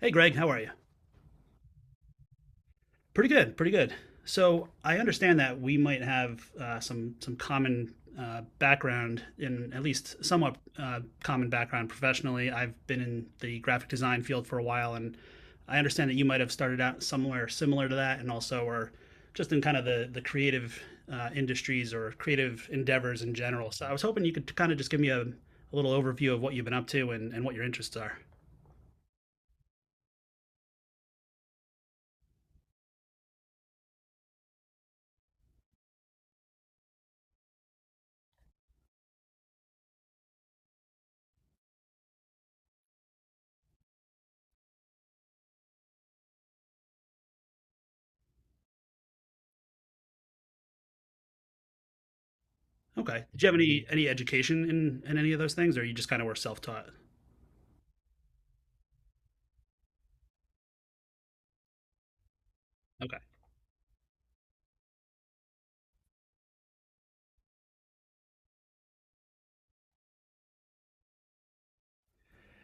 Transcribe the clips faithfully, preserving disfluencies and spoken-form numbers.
Hey, Greg, how are you? Pretty good, pretty good. So I understand that we might have uh, some some common uh, background, in at least somewhat uh, common background professionally. I've been in the graphic design field for a while, and I understand that you might have started out somewhere similar to that, and also are just in kind of the the creative uh, industries or creative endeavors in general. So I was hoping you could kind of just give me a, a little overview of what you've been up to and, and what your interests are. Okay. Did you have any any education in in any of those things, or you just kind of were self taught? Okay.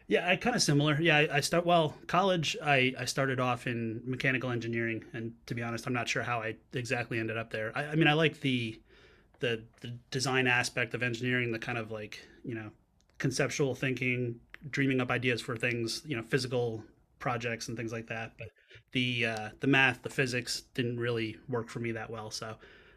Yeah, I kind of similar. Yeah, I, I start well college. I I started off in mechanical engineering, and to be honest, I'm not sure how I exactly ended up there. I, I mean, I like the the the design aspect of engineering, the kind of like you know conceptual thinking, dreaming up ideas for things, you know, physical projects and things like that. But the uh, the math, the physics didn't really work for me that well. So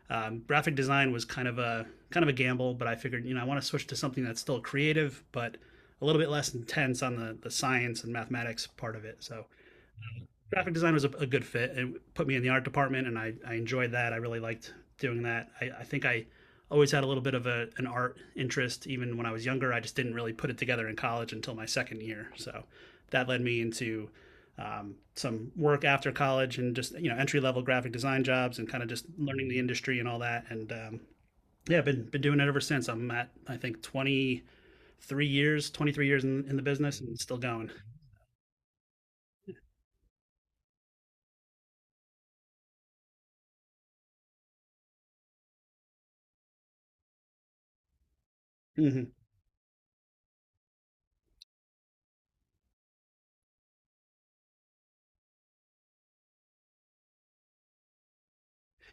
um, graphic design was kind of a kind of a gamble, but I figured you know I want to switch to something that's still creative, but a little bit less intense on the the science and mathematics part of it. So graphic design was a, a good fit. It put me in the art department, and I, I enjoyed that. I really liked doing that. I, I think I always had a little bit of a, an art interest, even when I was younger. I just didn't really put it together in college until my second year. So that led me into um, some work after college and just you know entry level graphic design jobs and kind of just learning the industry and all that. And um, yeah, I've been been doing it ever since. I'm at I think twenty-three years, twenty-three years in, in the business, and still going. Mm-hmm.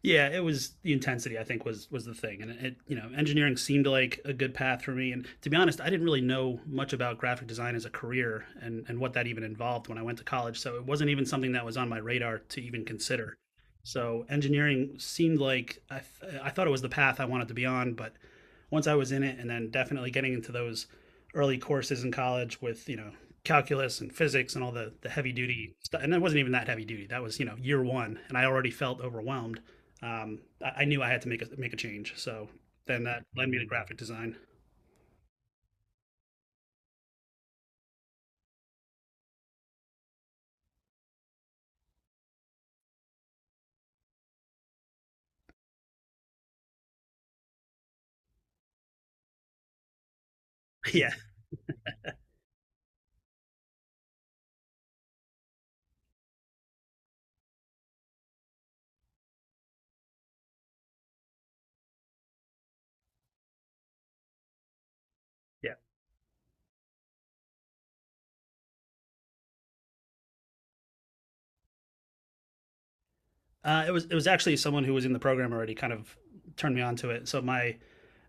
Yeah, it was the intensity. I think was was the thing, and it you know engineering seemed like a good path for me. And to be honest, I didn't really know much about graphic design as a career and and what that even involved when I went to college. So it wasn't even something that was on my radar to even consider. So engineering seemed like I th- I thought it was the path I wanted to be on, but once I was in it, and then definitely getting into those early courses in college with you know calculus and physics and all the the heavy duty stuff, and it wasn't even that heavy duty. That was you know year one, and I already felt overwhelmed um, I, I knew I had to make a make a change. So then that led me to graphic design. yeah, yeah. Uh, it was it was actually someone who was in the program already kind of turned me on to it. So my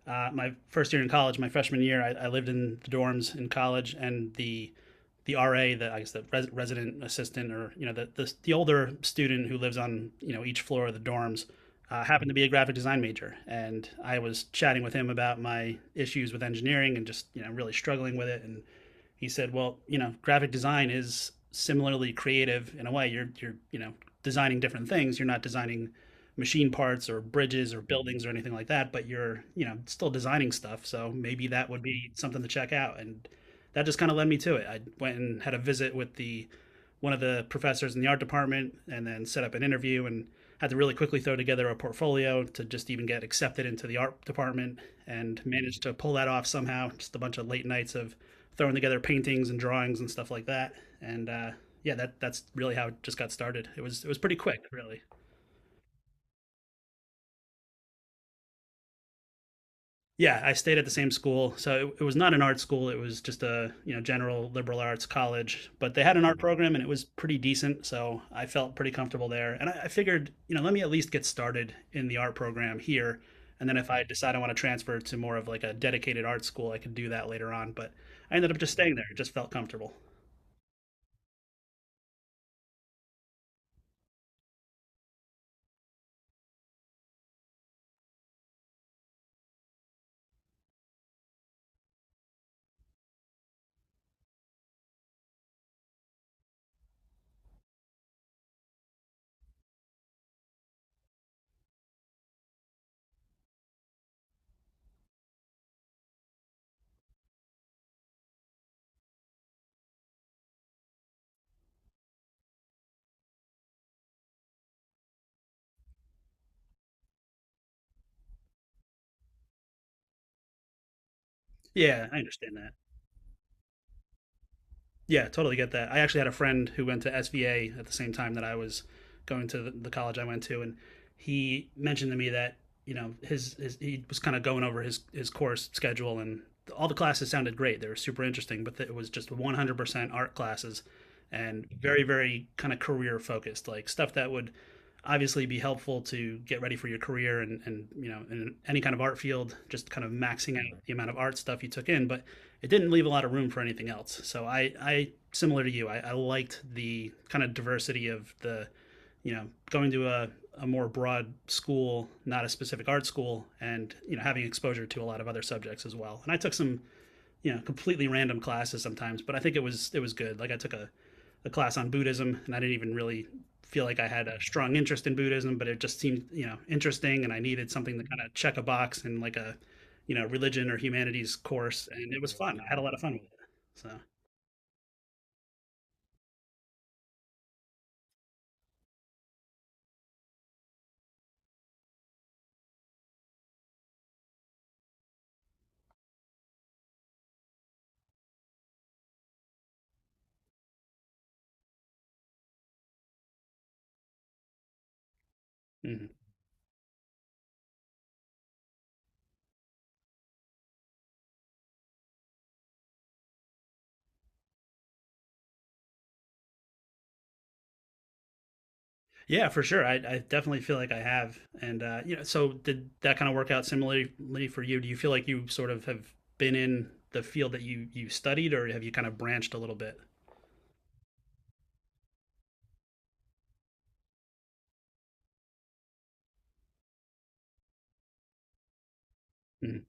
uh, my first year in college, my freshman year, I, I lived in the dorms in college, and the the R A, the I guess the res- resident assistant, or you know the, the the older student who lives on you know each floor of the dorms, uh, happened to be a graphic design major, and I was chatting with him about my issues with engineering and just you know really struggling with it and he said, well, you know, graphic design is similarly creative in a way. You're you're you know designing different things. You're not designing machine parts or bridges or buildings or anything like that, but you're you know still designing stuff. So maybe that would be something to check out. And that just kind of led me to it. I went and had a visit with the one of the professors in the art department and then set up an interview and had to really quickly throw together a portfolio to just even get accepted into the art department and managed to pull that off somehow. Just a bunch of late nights of throwing together paintings and drawings and stuff like that. And uh, yeah, that that's really how it just got started. It was it was pretty quick, really. Yeah, I stayed at the same school. So it, it was not an art school. It was just a, you know, general liberal arts college, but they had an art program and it was pretty decent. So I felt pretty comfortable there. And I, I figured, you know, let me at least get started in the art program here. And then if I decide I want to transfer to more of like a dedicated art school, I could do that later on. But I ended up just staying there. It just felt comfortable. Yeah, I understand. Yeah, totally get that. I actually had a friend who went to S V A at the same time that I was going to the- college I went to, and he mentioned to me that you know his, his he was kind of going over his his course schedule, and all the classes sounded great. They were super interesting, but it was just one hundred percent art classes, and very very kind of career focused, like stuff that would obviously be helpful to get ready for your career and and you know in any kind of art field, just kind of maxing out the amount of art stuff you took in, but it didn't leave a lot of room for anything else. So I, I similar to you, I, I liked the kind of diversity of the, you know, going to a, a more broad school, not a specific art school, and you know having exposure to a lot of other subjects as well. And I took some you know completely random classes sometimes but I think it was it was good like I took a, a class on buddhism and I didn't even really feel like I had a strong interest in buddhism but it just seemed you know interesting and I needed something to kind of check a box in like a you know religion or humanities course and it was fun I had a lot of fun with it so mhm. Yeah for sure I, I definitely feel like I have and uh you know so did that kind of work out similarly for you do you feel like you sort of have been in the field that you you studied or have you kind of branched a little bit. Mhm.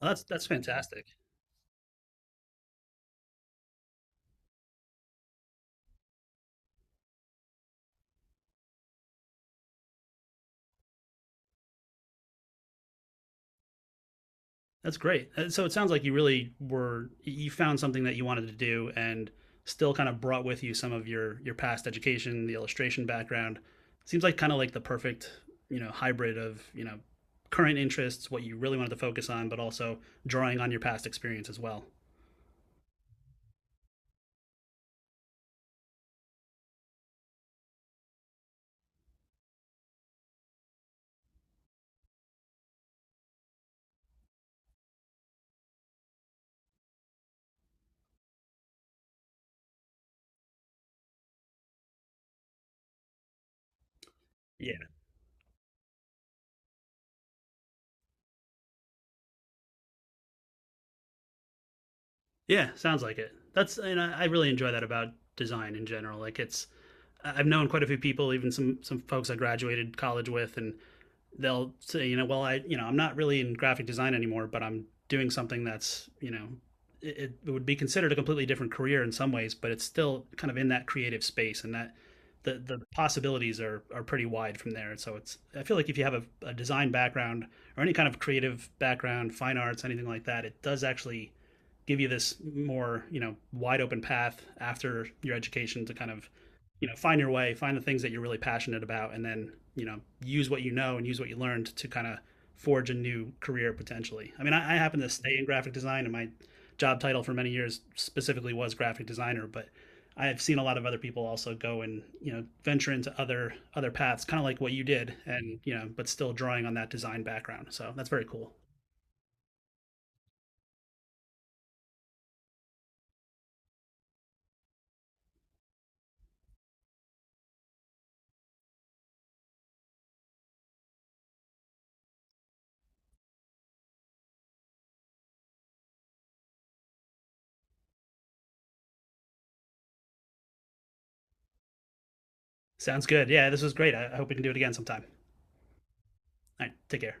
Well, that's that's fantastic. That's great. Uh, So it sounds like you really were you found something that you wanted to do and still kind of brought with you some of your your past education, the illustration background. Seems like kind of like the perfect, you know, hybrid of, you know, current interests, what you really wanted to focus on, but also drawing on your past experience as well. Yeah. Yeah, sounds like it. That's and I I really enjoy that about design in general. Like it's I- I've known quite a few people, even some some folks I graduated college with, and they'll say, you know, well, I, you know, I'm not really in graphic design anymore, but I'm doing something that's, you know, it, it would be considered a completely different career in some ways, but it's still kind of in that creative space and that the, the possibilities are, are pretty wide from there. And so it's, I feel like if you have a, a design background or any kind of creative background, fine arts, anything like that, it does actually give you this more you know wide open path after your education to kind of you know find your way find the things that you're really passionate about and then you know use what you know and use what you learned to kind of forge a new career potentially I mean I, I happen to stay in graphic design and my job title for many years specifically was graphic designer but I have seen a lot of other people also go and you know venture into other other paths kind of like what you did and you know but still drawing on that design background so that's very cool. Sounds good yeah this was great i, I hope we can do it again sometime. Right, take care.